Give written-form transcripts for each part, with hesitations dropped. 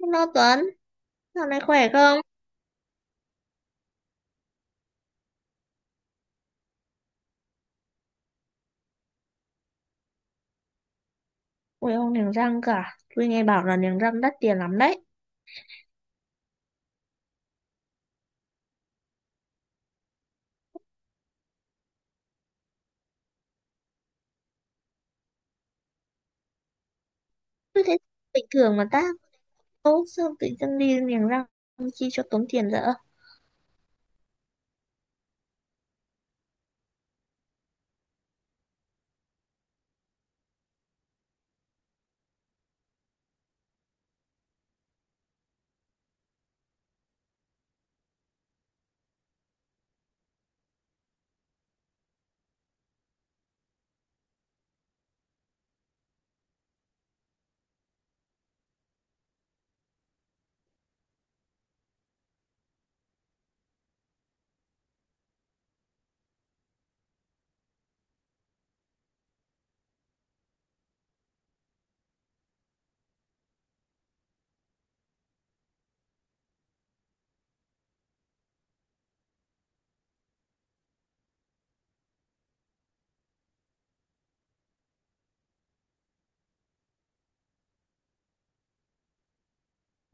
Hello Tuấn, dạo này khỏe không? Ui ông niềng răng cả, tôi nghe bảo là niềng răng đắt tiền lắm đấy. Tôi thấy bình thường mà ta, ô sao tự dưng đi niềng răng chi cho tốn tiền dở?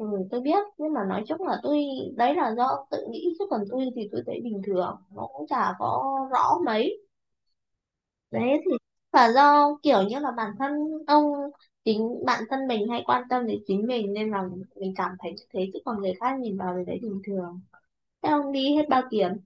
Ừ, tôi biết nhưng mà nói chung là tôi, đấy là do tự nghĩ chứ còn tôi thì tôi thấy bình thường nó cũng chả có rõ mấy. Đấy thì là do kiểu như là bản thân ông, chính bản thân mình hay quan tâm đến chính mình nên là mình cảm thấy như thế, chứ còn người khác nhìn vào thì thấy bình thường. Thế ông đi hết bao tiền?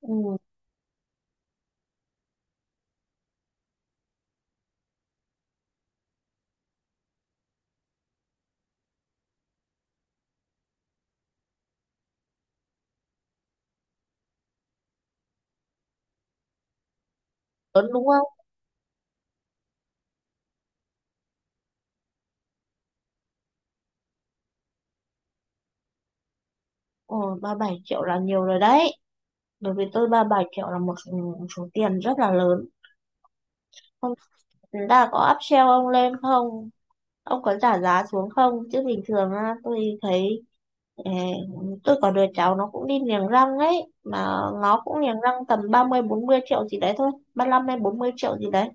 Ừ, lớn đúng không? Ồ, 37 triệu là nhiều rồi đấy. Đối với tôi 37 triệu là một số tiền rất là lớn. Không, là có upsell ông lên không? Ông có trả giá xuống không? Chứ bình thường á, tôi thấy ờ, tôi có đứa cháu nó cũng đi niềng răng ấy. Mà nó cũng niềng răng tầm ba mươi bốn mươi triệu gì đấy thôi. 35 hay 40 triệu gì đấy.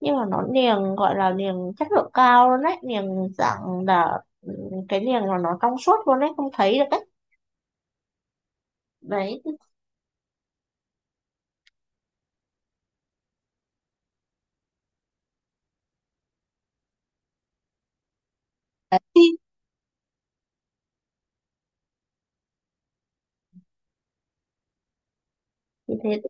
Nhưng mà nó niềng gọi là niềng chất lượng cao luôn đấy. Niềng dạng là cái niềng là nó trong suốt luôn đấy. Không thấy được đấy. Đấy, thì thế tôi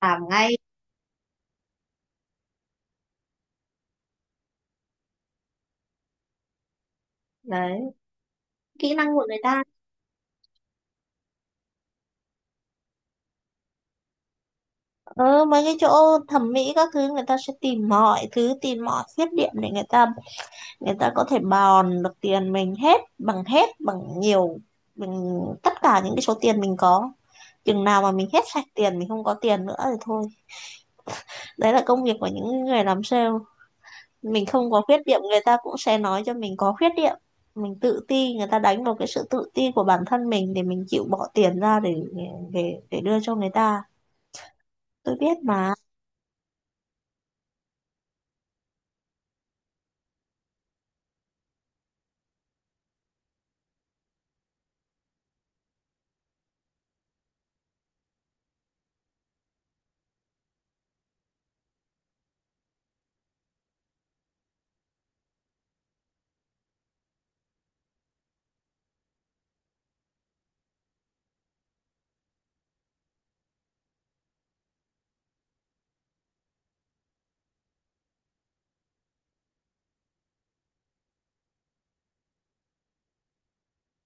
làm ngay. Đấy kỹ năng của người ta, ờ, mấy cái chỗ thẩm mỹ các thứ người ta sẽ tìm mọi thứ, tìm mọi khuyết điểm để người ta, người ta có thể bòn được tiền mình hết, bằng hết, bằng nhiều, bằng tất cả những cái số tiền mình có. Chừng nào mà mình hết sạch tiền, mình không có tiền nữa thì thôi. Đấy là công việc của những người làm sale. Mình không có khuyết điểm người ta cũng sẽ nói cho mình có khuyết điểm, mình tự ti người ta đánh vào cái sự tự ti của bản thân mình để mình chịu bỏ tiền ra để đưa cho người ta. Tôi biết mà.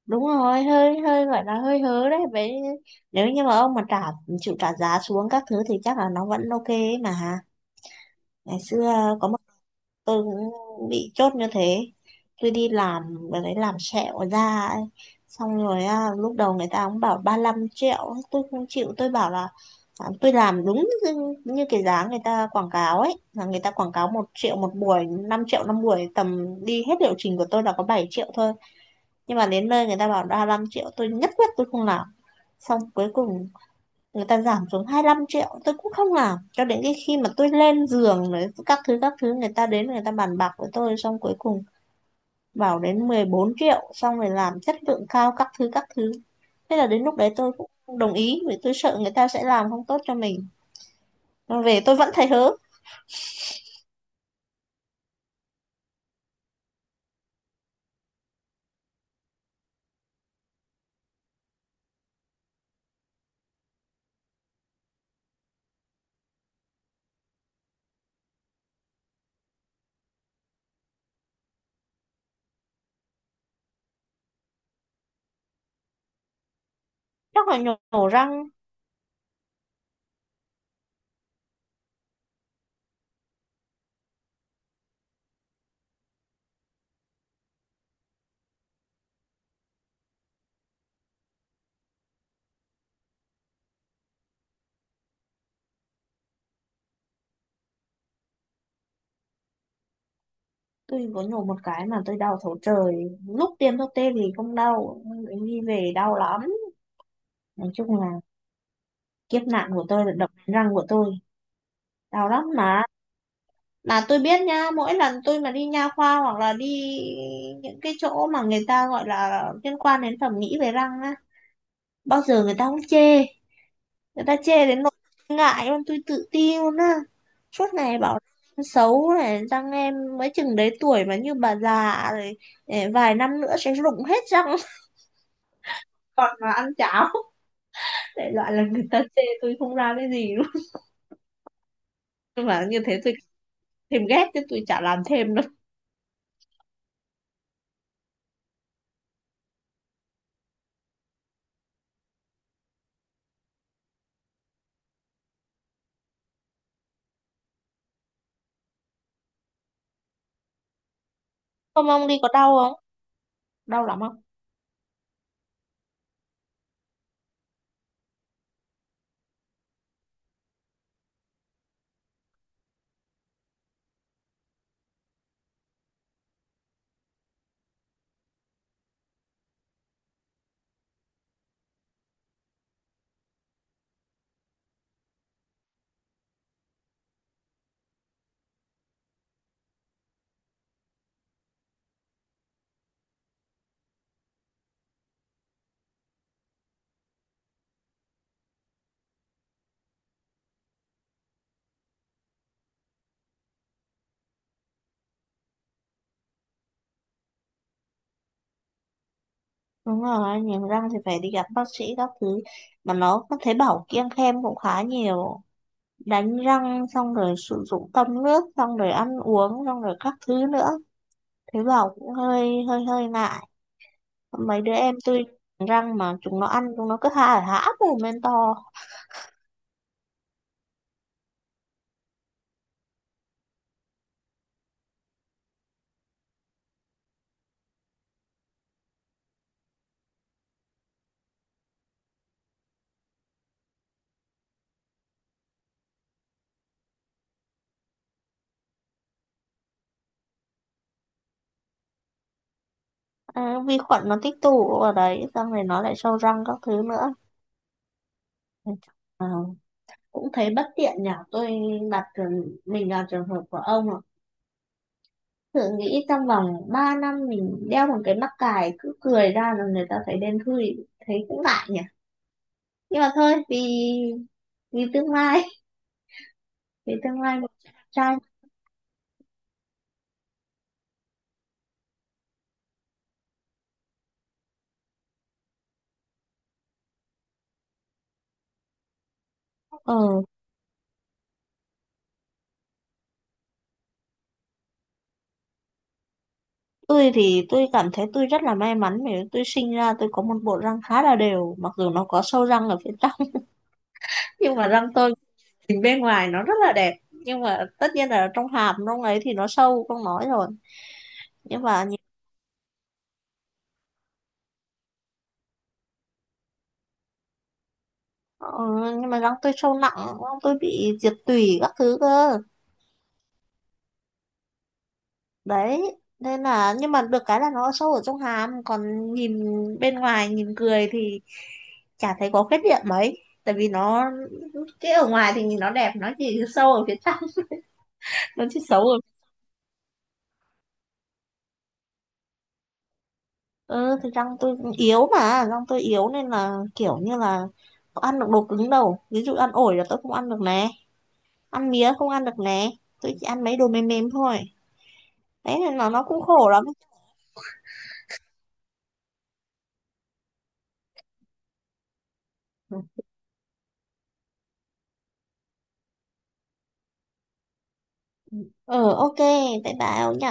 Đúng rồi, hơi hơi gọi là hơi hớ đấy. Vậy nếu như mà ông mà trả, chịu trả giá xuống các thứ thì chắc là nó vẫn ok ấy mà. Ngày xưa có một tôi cũng bị chốt như thế. Tôi đi làm và lấy làm sẹo da ấy. Xong rồi lúc đầu người ta cũng bảo 35 triệu tôi không chịu, tôi bảo là tôi làm đúng như cái giá người ta quảng cáo ấy, là người ta quảng cáo 1 triệu một buổi, 5 triệu năm buổi, tầm đi hết liệu trình của tôi là có 7 triệu thôi. Nhưng mà đến nơi người ta bảo 35 triệu tôi nhất quyết tôi không làm. Xong cuối cùng người ta giảm xuống 25 triệu tôi cũng không làm, cho đến cái khi mà tôi lên giường đấy các thứ các thứ, người ta đến người ta bàn bạc với tôi, xong cuối cùng bảo đến 14 triệu xong rồi làm chất lượng cao các thứ các thứ. Thế là đến lúc đấy tôi cũng đồng ý vì tôi sợ người ta sẽ làm không tốt cho mình. Mà về tôi vẫn thấy hớ. Chắc là nhổ răng? Tôi có nhổ một cái mà tôi đau thấu trời, lúc tiêm thuốc tê thì không đau nhưng đi về đau lắm. Nói chung là kiếp nạn của tôi là đập răng của tôi, đau lắm mà. Mà tôi biết nha, mỗi lần tôi mà đi nha khoa hoặc là đi những cái chỗ mà người ta gọi là liên quan đến thẩm mỹ về răng á, bao giờ người ta cũng chê. Người ta chê đến nỗi ngại luôn, tôi tự ti luôn á. Suốt ngày bảo em xấu này, răng em mới chừng đấy tuổi mà như bà già rồi, vài năm nữa sẽ rụng hết răng còn mà ăn cháo, đại loại là người ta chê tôi không ra cái gì luôn. Nhưng mà như thế tôi thêm ghét chứ tôi chả làm thêm đâu. Không ông đi có đau không? Đau lắm không? Đúng rồi, niềng răng thì phải đi gặp bác sĩ các thứ. Mà nó có thấy bảo kiêng khem cũng khá nhiều. Đánh răng xong rồi sử dụng tăm nước, xong rồi ăn uống, xong rồi các thứ nữa. Thế bảo cũng hơi hơi hơi ngại. Mấy đứa em tôi, răng mà chúng nó ăn chúng nó cứ há há mồm lên to. À, vi khuẩn nó tích tụ ở đấy xong rồi nó lại sâu răng các thứ nữa. Ờ, cũng thấy bất tiện nhỉ. Tôi đặt mình là trường hợp của ông, thử nghĩ trong vòng 3 năm mình đeo một cái mắc cài cứ cười ra là người ta thấy đen thui, thấy cũng ngại nhỉ. Nhưng mà thôi, vì vì tương lai, vì tương lai một chàng trai. Ờ, tôi thì tôi cảm thấy tôi rất là may mắn vì tôi sinh ra tôi có một bộ răng khá là đều, mặc dù nó có sâu răng ở phía trong, nhưng mà răng tôi nhìn bên ngoài nó rất là đẹp. Nhưng mà tất nhiên là trong hàm trong ấy thì nó sâu không nói rồi. Nhưng mà nhìn- ờ, nhưng mà răng tôi sâu nặng, răng tôi bị diệt tủy các thứ cơ. Đấy nên là, nhưng mà được cái là nó sâu ở trong hàm còn nhìn bên ngoài nhìn cười thì chả thấy có khuyết điểm mấy, tại vì nó cái ở ngoài thì nhìn nó đẹp, nó chỉ sâu ở phía trong. Nó chỉ xấu ở, ừ thì răng tôi yếu, mà răng tôi yếu nên là kiểu như là không ăn được đồ cứng đâu, ví dụ ăn ổi là tôi không ăn được nè, ăn mía không ăn được nè, tôi chỉ ăn mấy đồ mềm mềm thôi. Đấy nên là nó cũng khổ lắm. Ừ, ok, bye bye ông nhỉ.